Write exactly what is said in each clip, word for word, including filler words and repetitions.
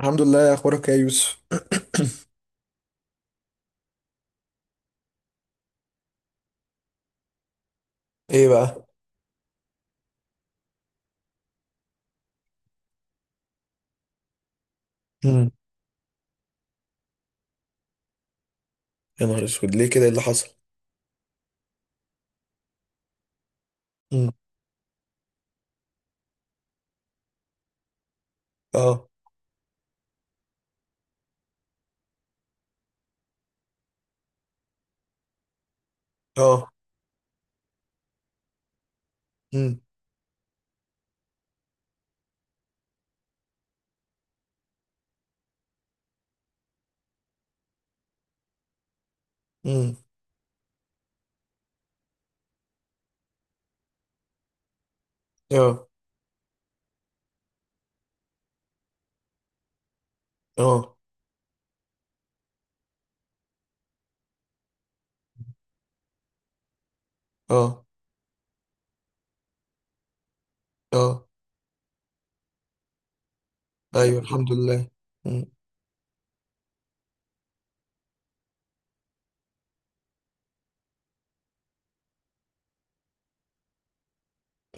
الحمد لله، اخبارك إيه يا يوسف؟ ايه بقى؟ امم. يا نهار اسود، ليه كده؟ إيه اللي حصل؟ امم. اه. اه. امم. امم. اه. اه. اه. اه. ايوه، الحمد لله. امم.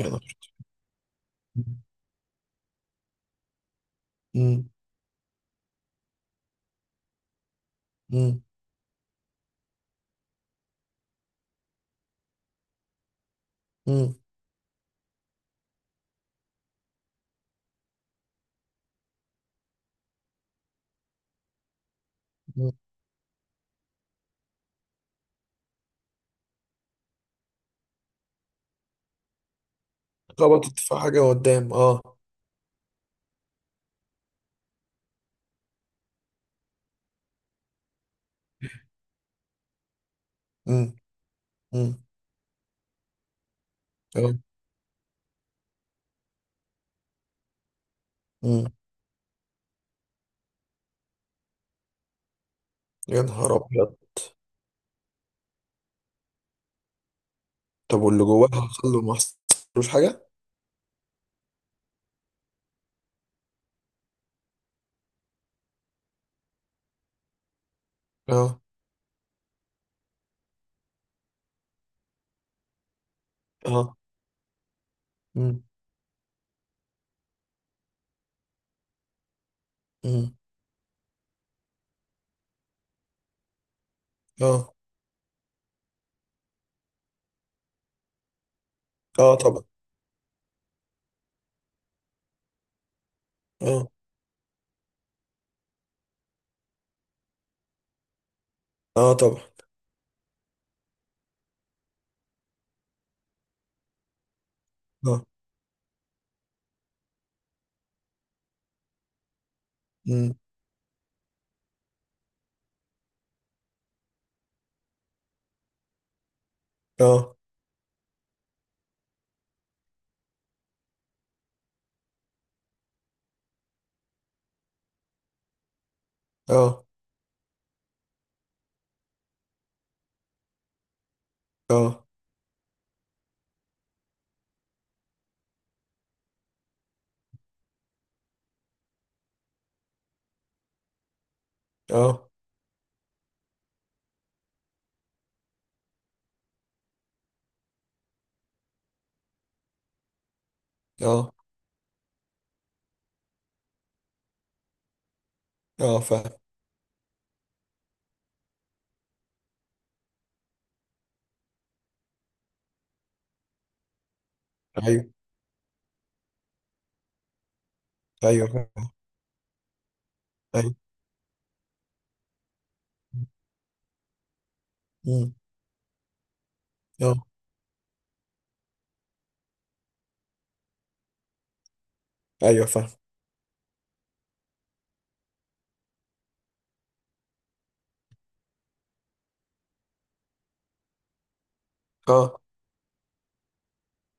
يا نهار. امم. امم. امم. أمم. خبطت في حاجه قدام، اه. امم. امم. اه. امم. يا نهار ابيض. طب واللي جواها حصل له ما حصلوش حاجه؟ اه. اه. امم. امم. اه. اه طبعا. اه. اه طبعا. اه. امم. اه. اه. اه. اه. اه. اه. فاهم. ايوه. ايوه فاهم. ايوه. امم. اه. ايوه فاهم. اه.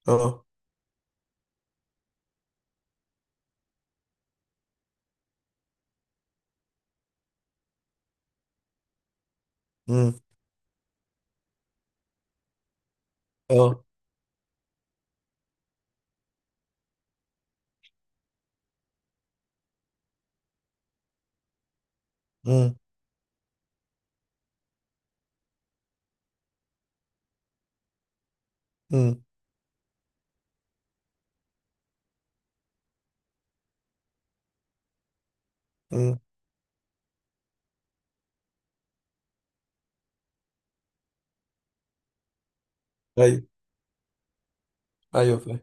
اه. امم. اه. امم. امم. امم. ايوه. ايوه فاهم.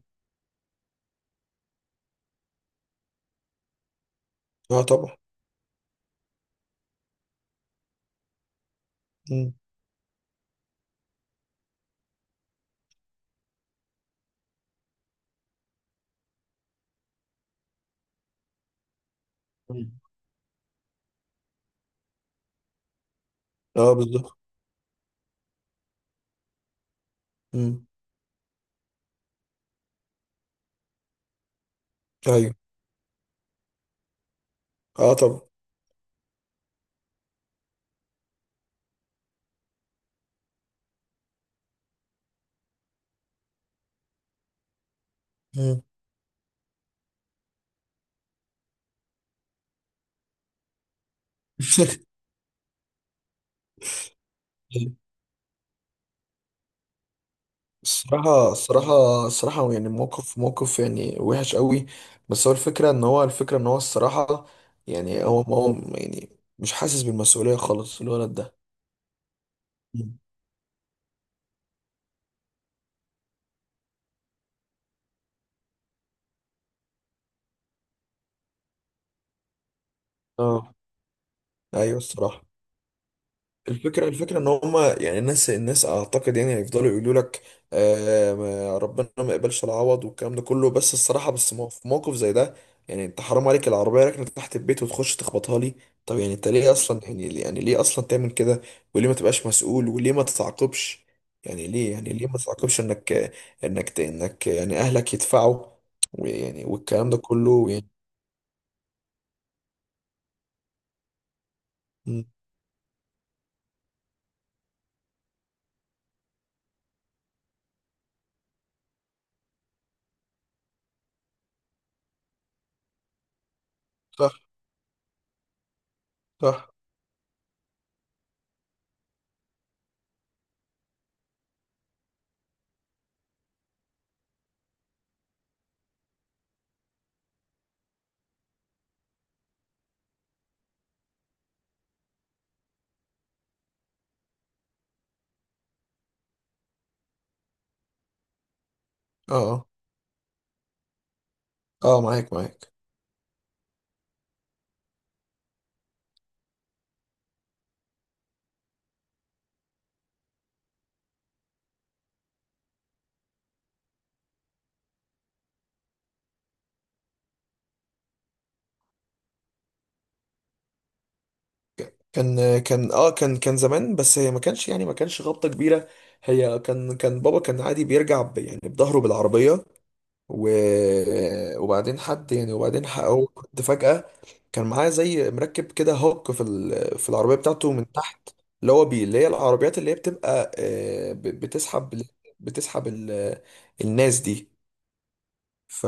اه طبعا. امم. أمم. اه بالظبط. امم. ايوه. اه طبعا. امم. الصراحة، الصراحة، الصراحة يعني موقف، موقف يعني وحش قوي. بس هو الفكرة ان هو الفكرة ان هو الصراحة، يعني هو هو يعني مش حاسس بالمسؤولية خالص الولد ده. أمم. اه، ايوه الصراحة. الفكرة الفكرة ان هما، يعني الناس، الناس اعتقد يعني هيفضلوا يقولوا لك آه ما- ربنا ما يقبلش العوض والكلام ده كله. بس الصراحة، بس مو- في موقف زي ده، يعني انت حرام عليك، العربية راكنة تحت البيت وتخش تخبطها لي؟ طب يعني انت ليه اصلا، يعني يعني ليه اصلا تعمل كده؟ وليه ما تبقاش مسؤول؟ وليه ما تتعاقبش؟ يعني ليه يعني ليه ما تتعاقبش، انك انك ت- انك يعني اهلك يدفعوا؟ ويعني والكلام ده كله يعني. مم. صح. صح، اه. اه، آه، معاك، معاك. كان كان اه كان كان زمان، بس هي ما كانش يعني ما كانش خبطة كبيرة. هي كان كان بابا كان عادي بيرجع ب- يعني بظهره بالعربية. و... وبعدين حد يعني وبعدين ح- هو كنت فجأة، كان معاه زي مركب كده هوك في ال... في العربية بتاعته من تحت، اللي هو بي اللي هي العربيات اللي هي بتبقى، آه، ب- بتسحب، بتسحب ال... الناس دي. ف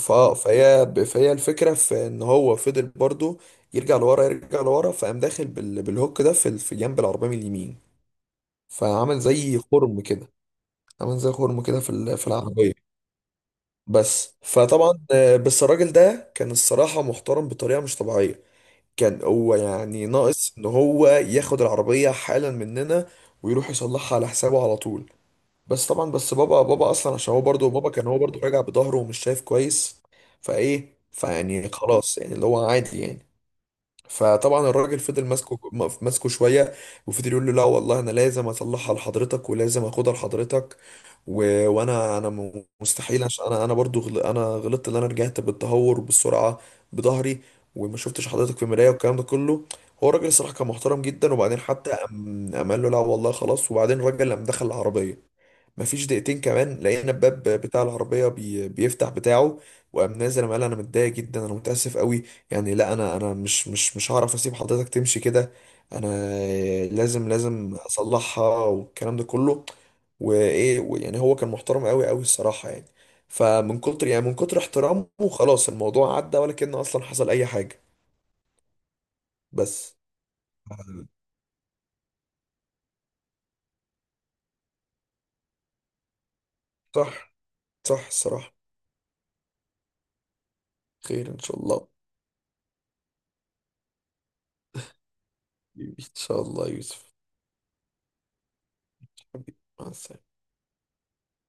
فاه فهي ب- فهي الفكره في ان هو فضل برضه يرجع لورا، يرجع لورا، فقام داخل بال... بالهوك ده في، ال- في جنب العربيه من اليمين، فعمل زي خرم كده. عمل زي خرم كده في ال... في العربيه. بس فطبعا آه، بس الراجل ده كان الصراحه محترم بطريقه مش طبيعيه. كان هو يعني ناقص ان هو ياخد العربيه حالا مننا ويروح يصلحها على حسابه على طول. بس طبعا، بس بابا بابا اصلا عشان هو برضه بابا كان هو برضه راجع بظهره ومش شايف كويس. فايه فيعني خلاص يعني اللي هو عادي يعني. فطبعا الراجل فضل ماسكه، ماسكه شويه، وفضل يقول له لا والله انا لازم اصلحها لحضرتك ولازم اخدها لحضرتك. و... وانا انا م- مستحيل عشان انا انا برضو غل... انا غلطت ان انا رجعت بالتهور بالسرعه بظهري وما شفتش حضرتك في المرايه والكلام ده كله. هو الراجل الصراحه كان محترم جدا، وبعدين حتى قام قام قال له لا والله خلاص. وبعدين الراجل قام دخل العربيه، مفيش دقيقتين كمان لقينا الباب بتاع العربية بي... بيفتح بتاعه، وقام نازل قال انا متضايق جدا، انا متأسف قوي. يعني لا، انا انا مش مش مش هعرف اسيب حضرتك تمشي كده. انا لازم، لازم اصلحها والكلام ده كله. وايه و- يعني هو كان محترم قوي قوي الصراحة يعني. فمن كتر يعني من كتر احترامه خلاص الموضوع عدى، ولا كأنه اصلا حصل اي حاجة. بس. صح. صح الصراحة. خير ان شاء الله. حبيبي. ان شاء الله يا يوسف. حبيبي، مع السلامة.